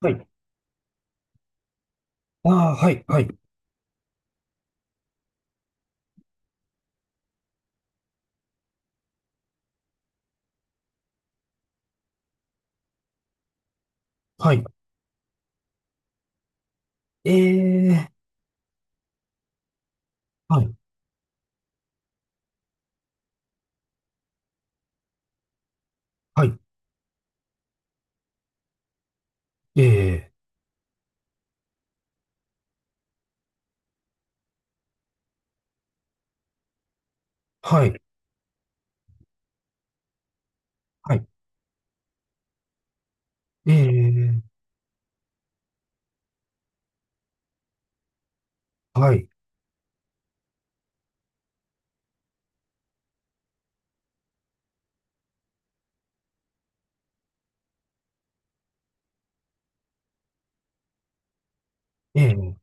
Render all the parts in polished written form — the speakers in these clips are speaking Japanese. はい。ああ、はい、はい、はい。ええ、はい、はい、ええ、はい、はい、ええ、はい、ええ、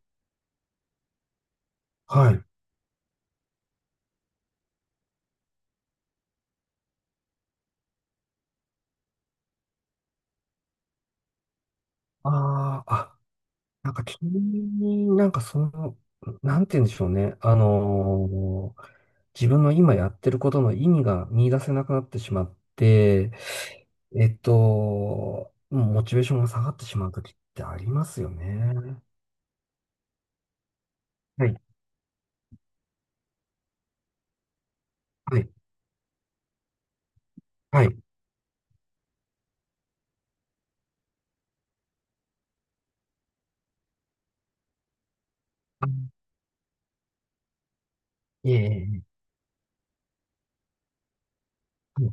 はい。ああ、あ、なんか急になんかその、なんて言うんでしょうね。自分の今やってることの意味が見出せなくなってしまって、モチベーションが下がってしまう時ってありますよね。はい、はい、はい。あ、いえいえいえ、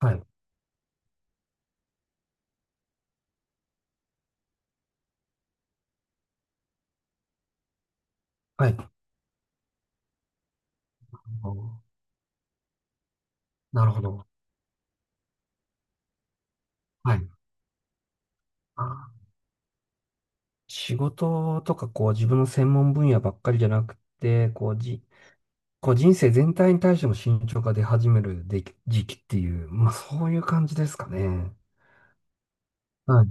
はい、はい、はい。なるほど。はい。あー、仕事とか、こう、自分の専門分野ばっかりじゃなくて、こう人生全体に対しても慎重が出始めるでき時期っていう、まあ、そういう感じですかね。はい。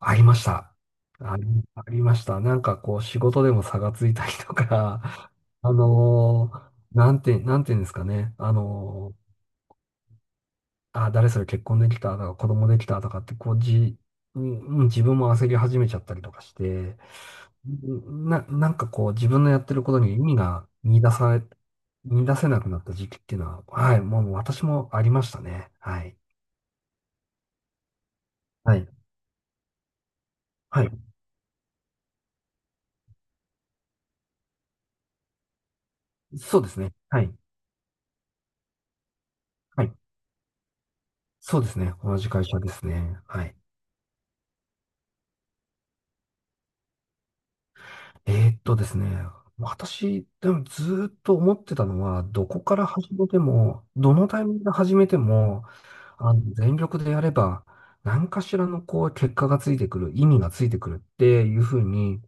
ありました。あり、ありました。なんか、こう、仕事でも差がついたりとか、なんていうんですかね。あ、誰それ結婚できたとか、子供できたとかって、こう、じ、うん、うん自分も焦り始めちゃったりとかして、なんかこう、自分のやってることに意味が見出され、見出せなくなった時期っていうのは、はい、もう私もありましたね。はい。はい。はい。そうですね。はい。はい。そうですね。同じ会社ですね。はい。ですね。私、でもずーっと思ってたのは、どこから始めても、どのタイミングで始めても、あの、全力でやれば、何かしらのこう、結果がついてくる、意味がついてくるっていうふうに、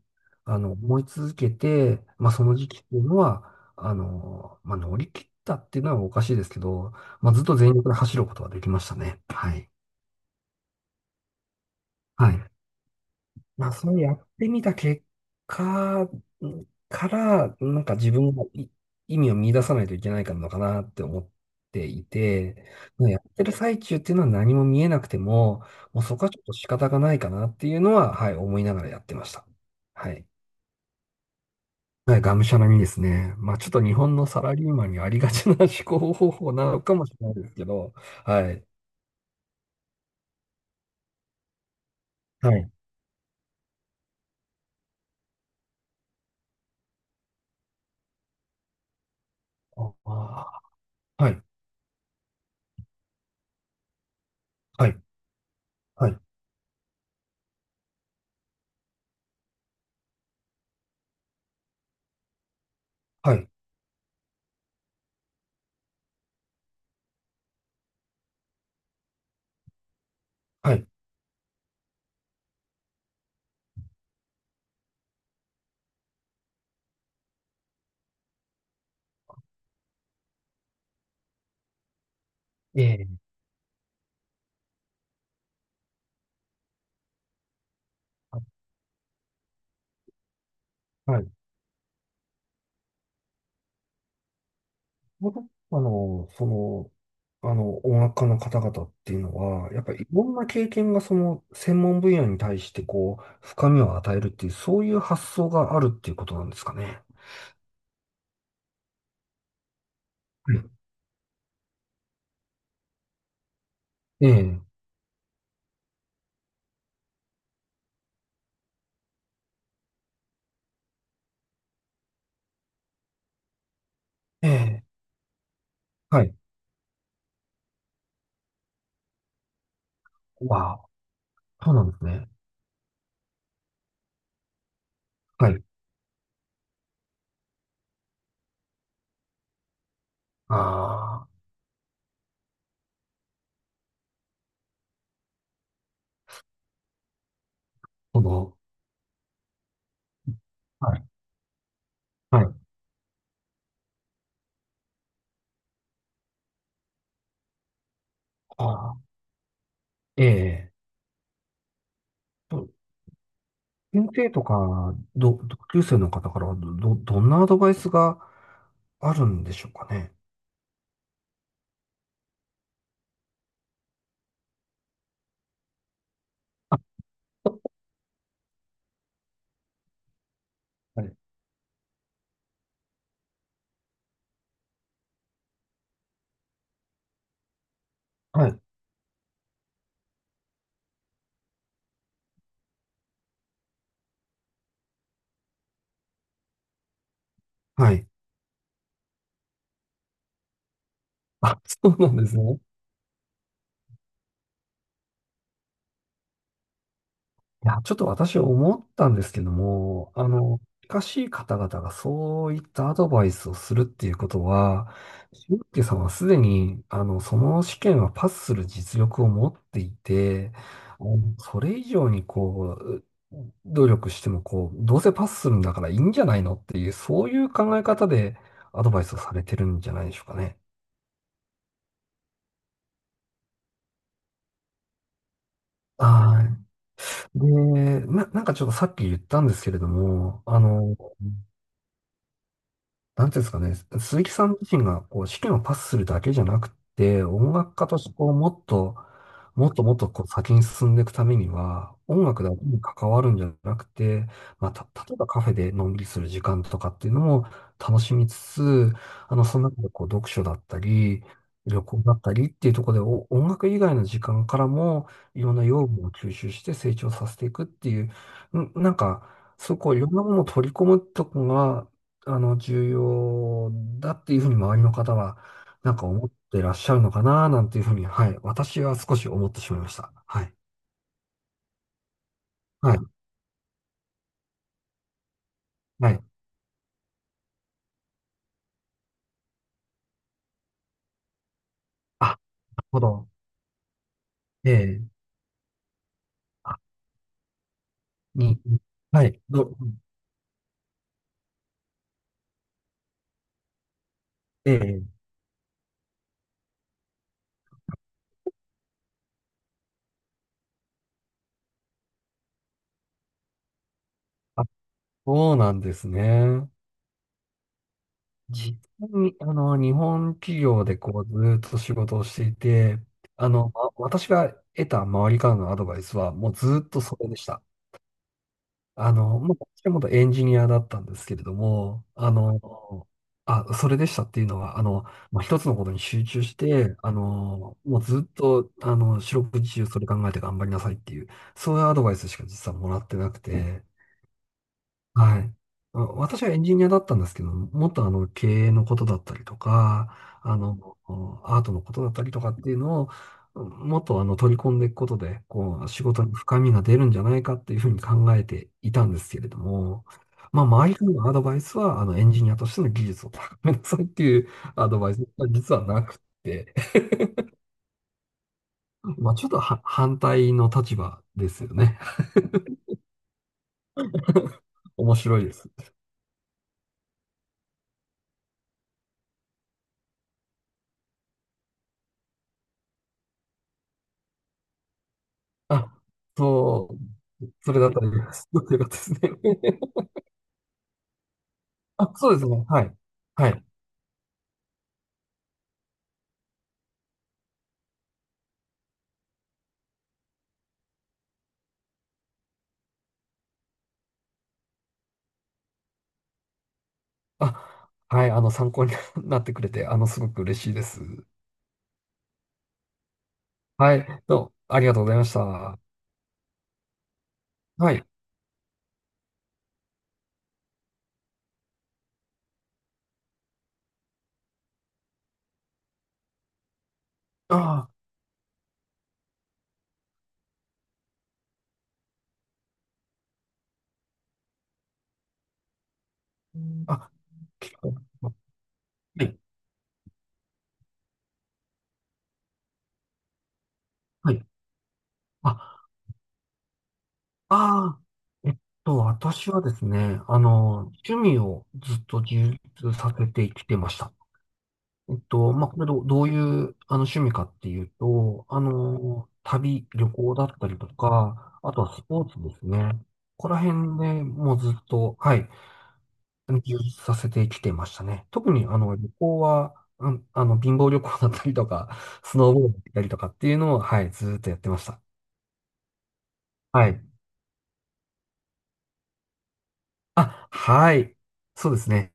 あの、思い続けて、まあ、その時期っていうのは、あの、まあ、乗り切ったっていうのはおかしいですけど、まあ、ずっと全力で走ることはできましたね。はい。はい。まあ、それやってみた結果から、なんか自分がい意味を見出さないといけないかのかなって思っていて、まあやってる最中っていうのは何も見えなくても、もうそこはちょっと仕方がないかなっていうのは、はい、思いながらやってました。はい。はい、がむしゃらにですね。まあ、ちょっと日本のサラリーマンにありがちな思考方法なのかもしれないですけど、はい。はい。ああ、はい。はい。はい。はい。はい。ええ。はい。ヨーロッパの、その、あの、音楽家の方々っていうのは、やっぱりいろんな経験がその専門分野に対してこう、深みを与えるっていう、そういう発想があるっていうことなんですかね。はい。ええ、ええ、はい。わあ、そうなんですね。はい。ああ、その、はい、はい。ああ、ええ。と先生とか、同級生の方からはどんなアドバイスがあるんでしょうかね。はい。はい。はい。あ、そうなんですね。いや、ちょっと私思ったんですけども、あの、近しい方々がそういったアドバイスをするっていうことは、俊介さんはすでに、あの、その試験はパスする実力を持っていて、あのそれ以上にこう、努力してもこう、どうせパスするんだからいいんじゃないのっていう、そういう考え方でアドバイスをされてるんじゃないでしょうかね。はい。で、なんかちょっとさっき言ったんですけれども、あの、なんていうんですかね、鈴木さん自身がこう指揮をパスするだけじゃなくて、音楽家としてこうもっと、もっともっとこう先に進んでいくためには、音楽だけに関わるんじゃなくて、まあ、例えばカフェでのんびりする時間とかっていうのも楽しみつつ、あの、その中でこう読書だったり、旅行だったりっていうところでお音楽以外の時間からもいろんな養分を吸収して成長させていくっていう、んなんか、そうこういろんなものを取り込むとこがあの、重要だっていうふうに周りの方は、なんか思ってらっしゃるのかな、なんていうふうに、はい。私は少し思ってしまいました。はい。はい。はい。あ、なるほど。ええ。あ、に、に、はい。ど、ええ。あ、そうなんですね。実際に、あの、日本企業でこう、ずーっと仕事をしていて、あの、ま私が得た周りからのアドバイスは、もうずーっとそれでした。あの、まあ、もともとエンジニアだったんですけれども、あの、あ、それでしたっていうのは、あの、まあ、一つのことに集中して、あの、もうずっと、あの、四六時中それ考えて頑張りなさいっていう、そういうアドバイスしか実はもらってなくて、はい。あ私はエンジニアだったんですけど、もっとあの経営のことだったりとか、あの、アートのことだったりとかっていうのを、もっとあの取り込んでいくことで、こう、仕事に深みが出るんじゃないかっていうふうに考えていたんですけれども、まあ、周りからのアドバイスは、あの、エンジニアとしての技術を高めなさいっていう アドバイスが実はなくて、まあ、ちょっとは反対の立場ですよね。面白いです。あ、そう、それだったら、すごく良かったですね。あ、そうですね。はい。はい。あ、はい。あの、参考に なってくれて、あの、すごく嬉しいです。はい。どうもありがとうございました。はい。ああ、あ、結構。はい。はい。あ、ああ、えっ私はですね、あの、趣味をずっと充実させてきてました。まあ、これどう、どういう、あの、趣味かっていうと、あの、旅行だったりとか、あとはスポーツですね。ここら辺でもうずっと、はい。研究させてきてましたね。特にあの旅行は、うん、あの貧乏旅行だったりとか、スノーボードだったりとかっていうのを、はい、ずーっとやってました。はい。あ、はい。そうですね。